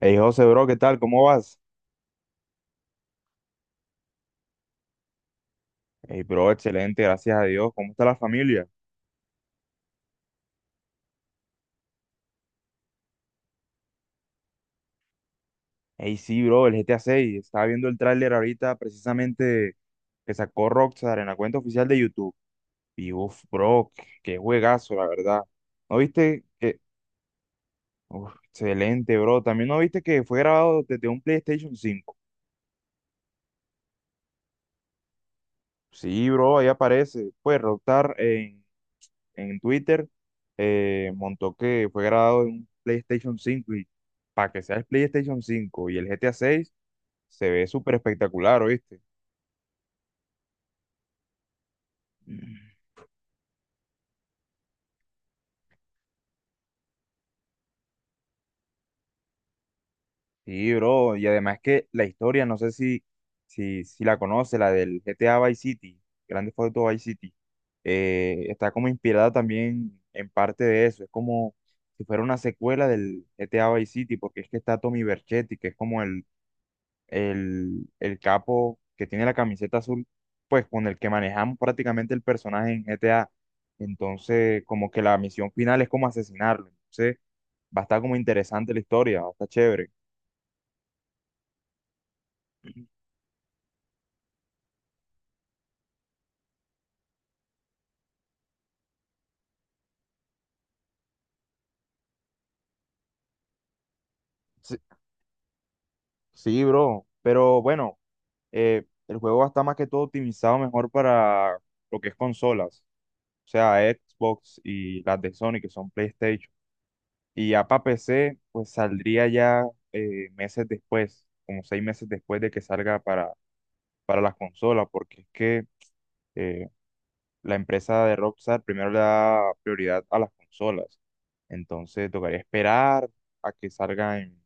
Hey José, bro, ¿qué tal? ¿Cómo vas? Hey, bro, excelente, gracias a Dios. ¿Cómo está la familia? Hey, sí, bro, el GTA 6. Estaba viendo el tráiler ahorita precisamente que sacó Rockstar en la cuenta oficial de YouTube. Y uff, bro, qué juegazo, la verdad. ¿No viste que? Uf, excelente, bro. También no viste que fue grabado desde un PlayStation 5. Sí, bro, ahí aparece. Pues Rockstar en Twitter, montó que fue grabado en un PlayStation 5 y para que sea el PlayStation 5 y el GTA 6 se ve súper espectacular, ¿oíste? Mm. Sí, bro, y además que la historia, no sé si la conoce, la del GTA Vice City, Grande Foto Vice City, está como inspirada también en parte de eso, es como si fuera una secuela del GTA Vice City, porque es que está Tommy Vercetti, que es como el capo que tiene la camiseta azul, pues con el que manejamos prácticamente el personaje en GTA. Entonces, como que la misión final es como asesinarlo. Entonces, va a estar como interesante la historia, va a estar chévere. Sí, sí, bro, pero bueno, el juego va a estar más que todo optimizado mejor para lo que es consolas, o sea, Xbox y las de Sony, que son PlayStation. Y ya para PC, pues saldría ya, meses después, como 6 meses después de que salga para las consolas, porque es que, eh, la empresa de Rockstar primero le da prioridad a las consolas. Entonces tocaría esperar a que salga en,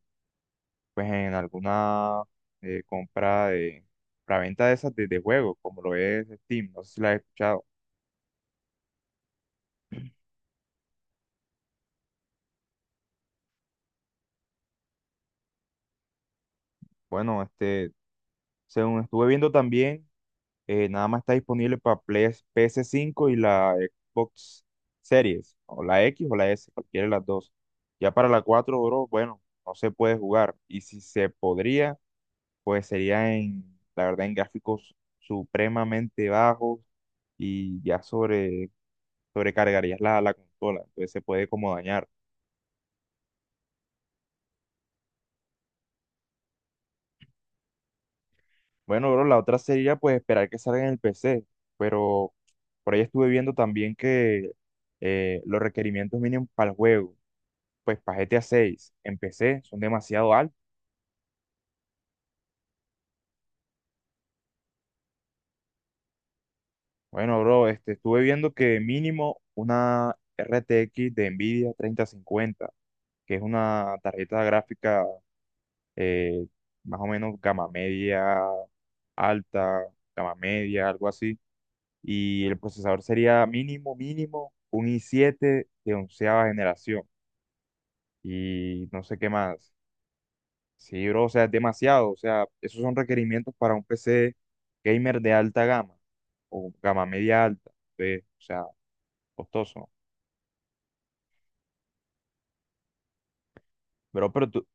pues, en alguna, compra de para venta de esas de juegos, como lo es Steam. No sé si la has escuchado. Bueno, según estuve viendo también, nada más está disponible para ps cinco y la Xbox Series, o la X o la S, cualquiera de las dos. Ya para la cuatro, bro, bueno, no se puede jugar. Y si se podría, pues sería en, la verdad, en gráficos supremamente bajos y ya sobrecargarías la consola. Entonces se puede como dañar. Bueno, bro, la otra sería pues esperar que salga en el PC, pero por ahí estuve viendo también que, los requerimientos mínimos para el juego. Pues para GTA 6 empecé, son demasiado altos. Bueno, bro, estuve viendo que mínimo una RTX de Nvidia 3050, que es una tarjeta gráfica, eh, más o menos gama media, alta, gama media, algo así. Y el procesador sería mínimo, mínimo, un i7 de onceava generación. Y no sé qué más. Sí, bro, o sea, es demasiado. O sea, esos son requerimientos para un PC gamer de alta gama o gama media alta. Ve, o sea, costoso. Bro, pero tú,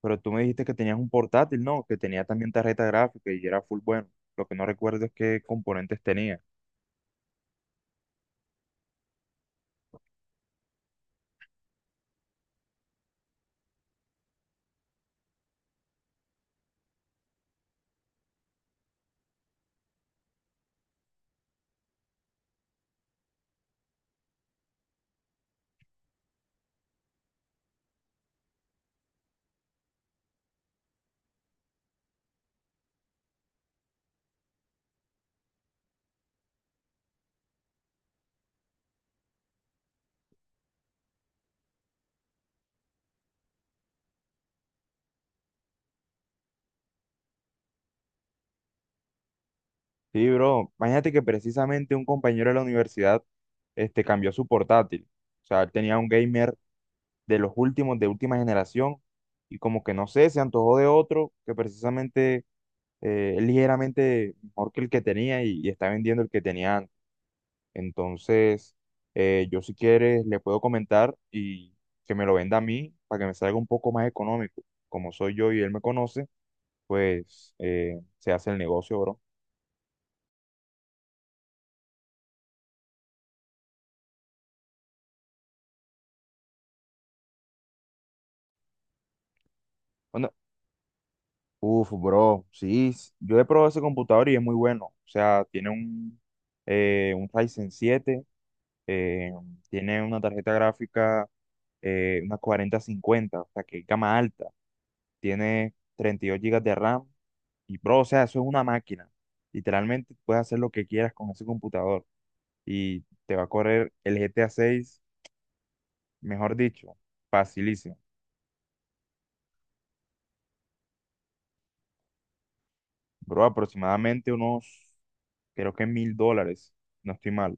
pero tú me dijiste que tenías un portátil, ¿no? Que tenía también tarjeta gráfica y era full bueno. Lo que no recuerdo es qué componentes tenía. Sí, bro, imagínate que precisamente un compañero de la universidad, cambió su portátil. O sea, él tenía un gamer de los últimos, de última generación, y como que no sé, se antojó de otro que precisamente, es ligeramente mejor que el que tenía y está vendiendo el que tenía antes. Entonces, yo si quieres le puedo comentar y que me lo venda a mí para que me salga un poco más económico. Como soy yo y él me conoce, pues, se hace el negocio, bro. Bueno, uf, bro, sí, yo he probado ese computador y es muy bueno. O sea, tiene un Ryzen 7, eh, tiene una tarjeta gráfica, una 4050, o sea, que es gama alta. Tiene 32 gigas de RAM y, bro, o sea, eso es una máquina. Literalmente puedes hacer lo que quieras con ese computador y te va a correr el GTA 6, mejor dicho, facilísimo. Bro, aproximadamente unos, creo que $1000, no estoy mal.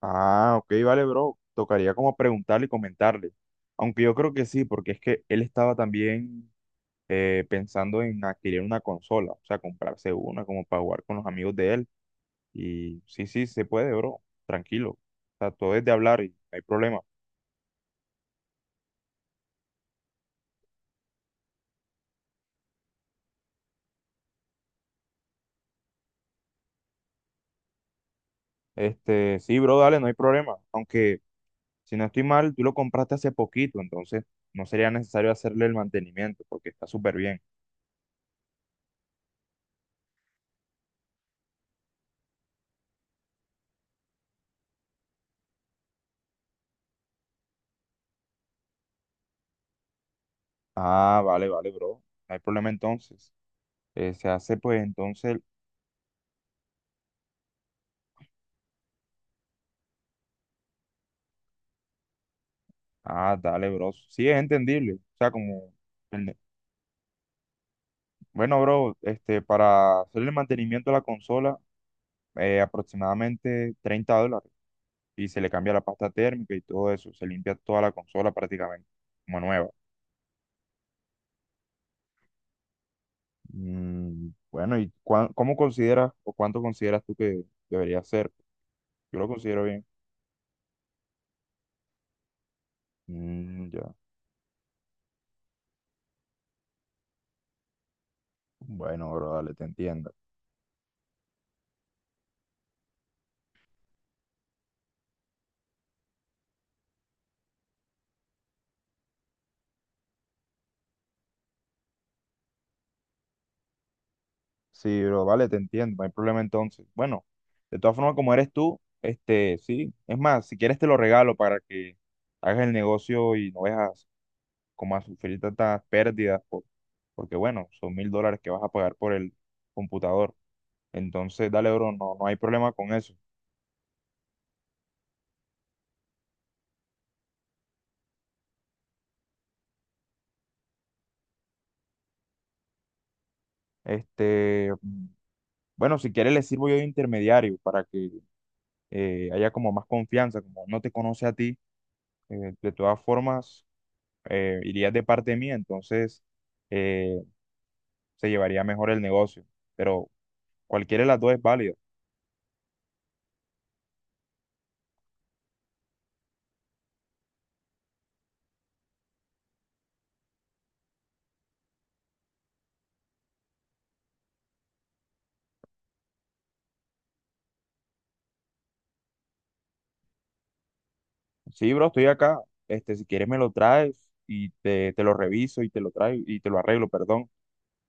Ah, ok, vale, bro. Tocaría como preguntarle y comentarle. Aunque yo creo que sí, porque es que él estaba también, pensando en adquirir una consola, o sea, comprarse una como para jugar con los amigos de él. Y sí, sí, se puede, bro. Tranquilo. O sea, todo es de hablar y no hay problema. Sí, bro, dale, no hay problema. Aunque, si no estoy mal, tú lo compraste hace poquito, entonces no sería necesario hacerle el mantenimiento porque está súper bien. Ah, vale, vale, bro. No hay problema entonces. Se hace pues entonces. Ah, dale, bro. Sí, es entendible. O sea, como. el- Bueno, bro, para hacerle el mantenimiento a la consola, aproximadamente $30. Y se le cambia la pasta térmica y todo eso. Se limpia toda la consola prácticamente, como nueva. Mm, bueno, y ¿cómo consideras o cuánto consideras tú que debería ser? Yo lo considero bien. Mm, ya. Bueno, bro, dale, te entiendo. Sí, bro, vale, te entiendo. No hay problema entonces. Bueno, de todas formas, como eres tú, sí. Es más, si quieres te lo regalo para que hagas el negocio y no veas como a sufrir tantas pérdidas, porque bueno, son $1000 que vas a pagar por el computador. Entonces, dale, bro, no, no hay problema con eso. Este, bueno, si quieres le sirvo yo de intermediario para que, haya como más confianza, como no te conoce a ti, de todas formas, irías de parte mía, entonces, eh, se llevaría mejor el negocio. Pero cualquiera de las dos es válida. Sí, bro, estoy acá. Si quieres me lo traes y te lo reviso y te lo traigo y te lo arreglo, perdón,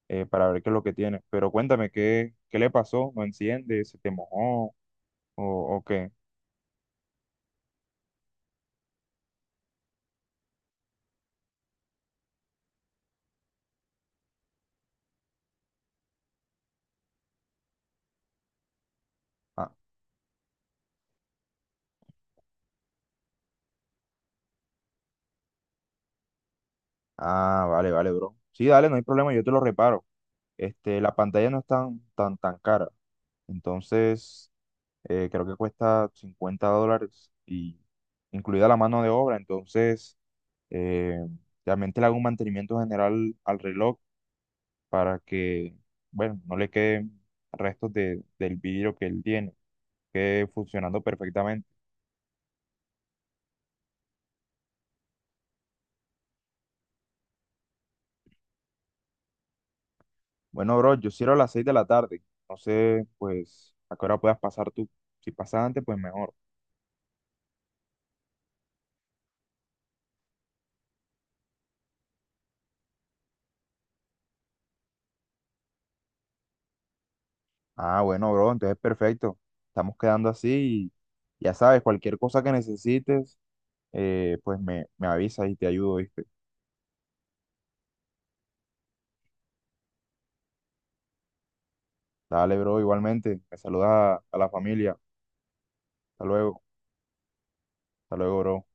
para ver qué es lo que tienes. Pero cuéntame, ¿qué le pasó? ¿No enciende? ¿Se te mojó? ¿O qué? Ah, ah, vale, vale, bro. Sí, dale, no hay problema, yo te lo reparo. La pantalla no es tan, tan, tan cara. Entonces, creo que cuesta $50 y incluida la mano de obra. Entonces, eh, realmente le hago un mantenimiento general al reloj para que, bueno, no le queden restos del vidrio que él tiene, quede funcionando perfectamente. Bueno, bro, yo cierro a las 6 de la tarde. No sé, pues, a qué hora puedas pasar tú. Si pasas antes, pues mejor. Ah, bueno, bro, entonces perfecto. Estamos quedando así y ya sabes, cualquier cosa que necesites, pues me avisas y te ayudo, ¿viste? Dale, bro, igualmente. Me saludas a la familia. Hasta luego. Hasta luego, bro.